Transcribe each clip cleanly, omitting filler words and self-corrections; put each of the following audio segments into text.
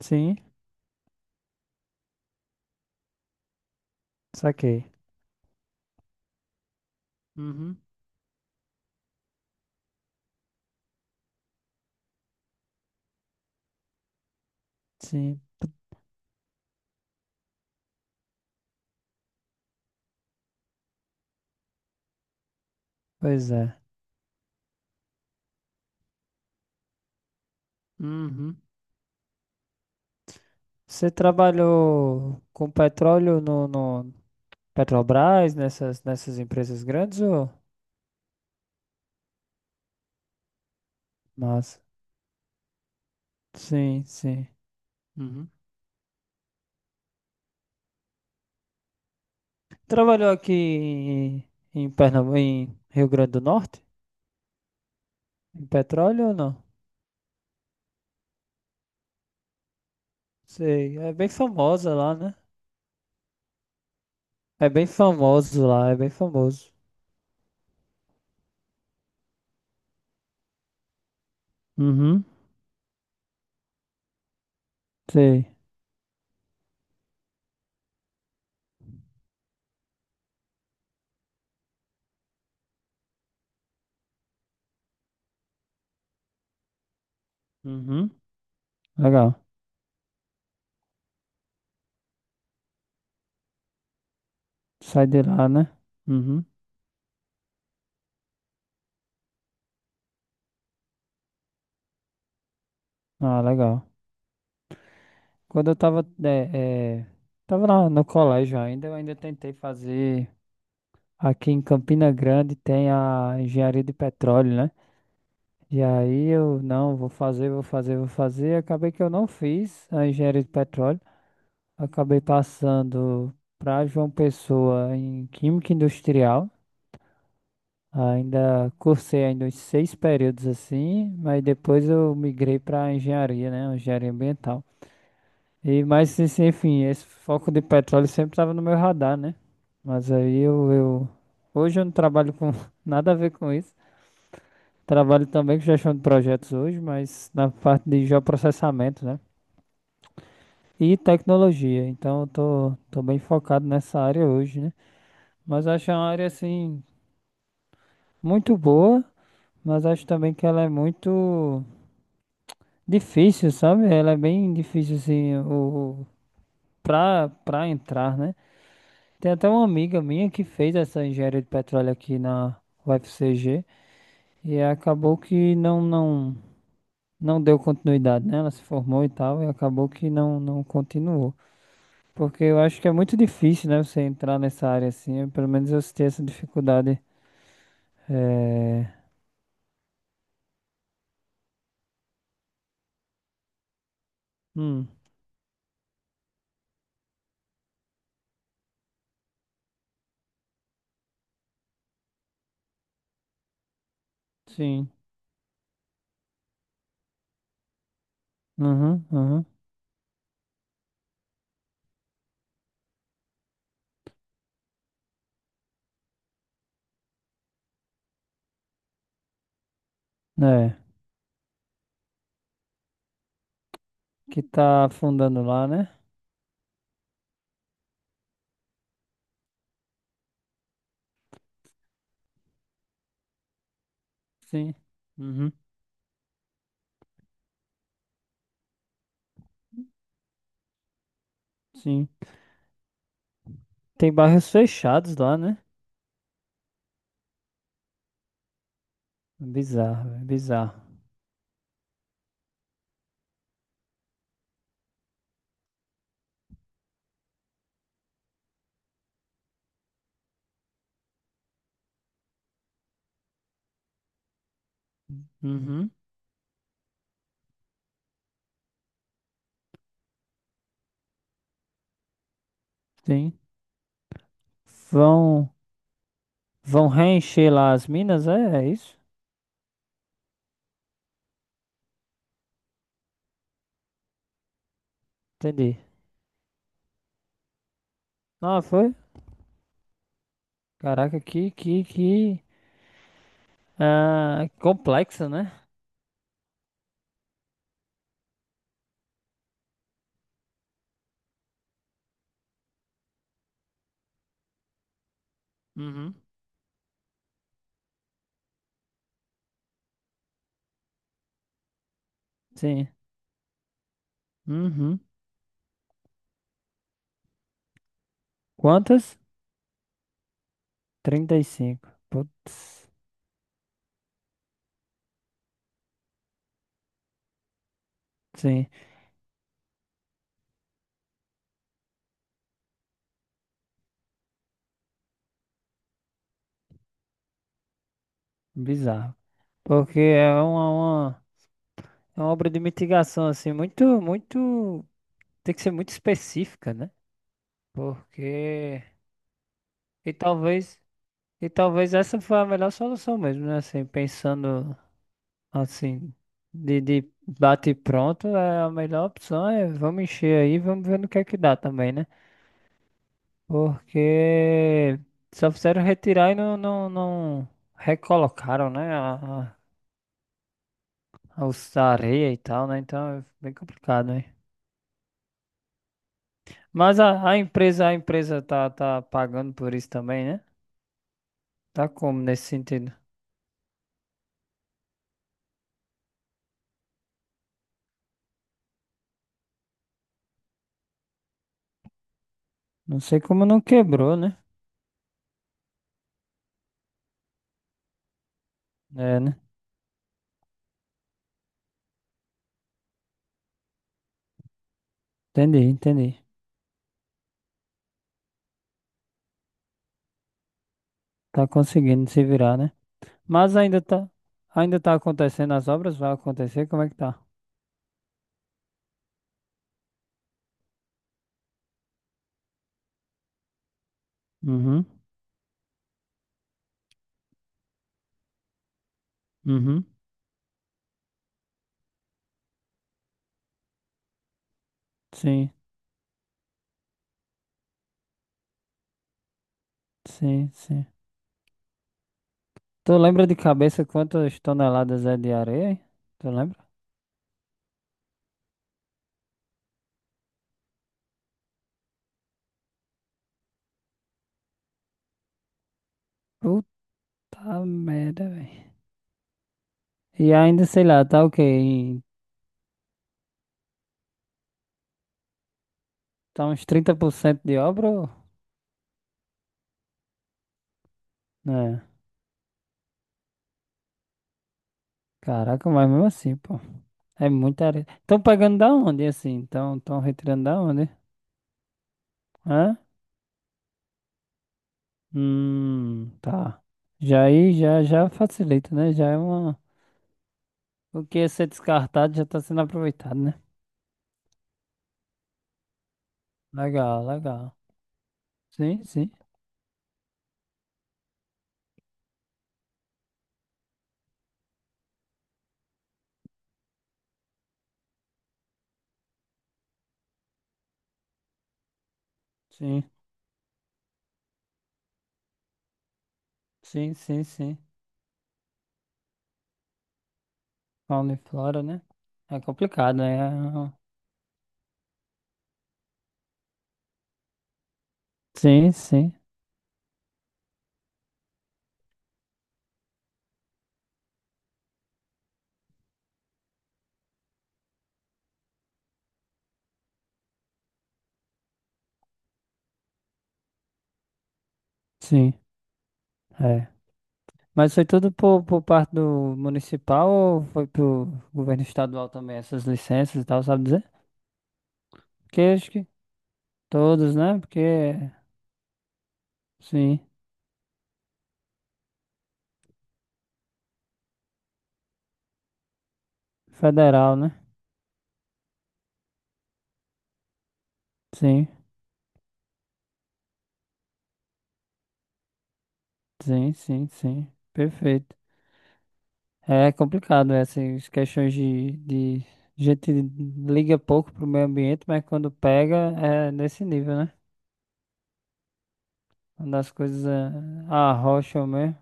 Sim, saquei. Uhum. Sim, p- pois é. Uhum. Você trabalhou com petróleo no Petrobras, nessas empresas grandes ou? Nossa. Sim, sim. Uhum. Trabalhou aqui em Pernambuco, em Rio Grande do Norte? Em petróleo ou não? Sei, é bem famosa lá, né? É bem famoso lá, é bem famoso. Uhum, sei. Uhum. Legal. Sai de lá, né? Uhum. Ah, legal. Quando eu tava, tava no colégio ainda, eu ainda tentei fazer. Aqui em Campina Grande tem a engenharia de petróleo, né? E aí eu não, vou fazer. Acabei que eu não fiz a engenharia de petróleo. Acabei passando para João Pessoa em Química Industrial. Ainda cursei ainda uns seis períodos assim, mas depois eu migrei para engenharia, né? Engenharia ambiental. E, mas, assim, enfim, esse foco de petróleo sempre estava no meu radar, né? Mas aí eu... Hoje eu não trabalho com nada a ver com isso. Trabalho também com gestão de projetos hoje, mas na parte de geoprocessamento, né? E tecnologia. Então tô bem focado nessa área hoje, né? Mas acho uma área, assim, muito boa, mas acho também que ela é muito difícil, sabe? Ela é bem difícil, assim, pra entrar, né? Tem até uma amiga minha que fez essa engenharia de petróleo aqui na UFCG e acabou que não, não, não deu continuidade, né? Ela se formou e tal e acabou que não, não continuou. Porque eu acho que é muito difícil, né? Você entrar nessa área assim. Pelo menos eu senti essa dificuldade. É... Hum, sim. Uhum, uhum. É. Que tá afundando lá, né? Sim. Uhum, sim. Tem bairros fechados lá, né? Bizarro, velho, bizarro. Uhum, sim. Vão, vão reencher lá as minas, é isso? Entendi. Ah, foi? Caraca, ah, complexa, né? Uhum. Sim. Uhum. Quantas? 35. Putz. Sim. Bizarro. Porque é uma, é uma obra de mitigação, assim, muito, muito. Tem que ser muito específica, né? Porque. E talvez. E talvez essa foi a melhor solução mesmo, né? Assim, pensando assim, de bate e pronto, é a melhor opção é vamos encher aí, vamos ver no que é que dá também, né? Porque só fizeram retirar e não recolocaram, né? A a areia e tal, né? Então é bem complicado, né? Mas a empresa, tá pagando por isso também, né? Tá como nesse sentido? Não sei como não quebrou, né? É, né? Entendi, entendi. Tá conseguindo se virar, né? Mas ainda tá acontecendo as obras, vai acontecer, como é que tá? Uhum, uhum. Sim, sim, sim. Tu lembra de cabeça quantas toneladas é de areia? Hein? Tu lembra? Puta merda, velho. E ainda, sei lá, tá o quê? Em- Tá uns 30% de obra? Ou- É. Caraca, mas mesmo assim, pô. É muita areia. Estão pegando da onde, assim? Então, estão retirando da onde? Hã? Tá. Já aí, já facilita, né? Já é uma... O que ia ser descartado já está sendo aproveitado, né? Legal, legal. Sim, sim. Sim, sim, sim, sim. Fauna e flora, né? É complicado, né? Sim, sim, sim. É. Mas foi tudo por parte do municipal ou foi pro governo estadual também, essas licenças e tal, sabe dizer? Que acho que todos, né? Porque, sim, federal, né? Sim, sim, sim, sim. Perfeito. É complicado essas questões de... A gente liga pouco pro meio ambiente, mas quando pega é nesse nível, né? Quando as coisas é, arrocham mesmo.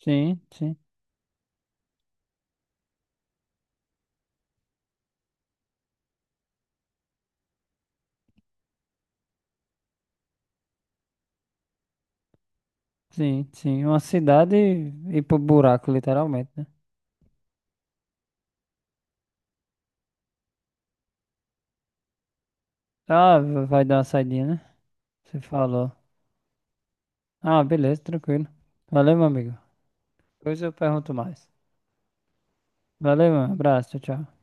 Sim, sim, sim, sim. Uma cidade ir pro buraco, literalmente, né? Ah, vai dar uma saidinha, né? Você falou. Ah, beleza, tranquilo. Valeu, meu amigo. Depois eu pergunto mais. Valeu, mano. Abraço. Tchau, tchau.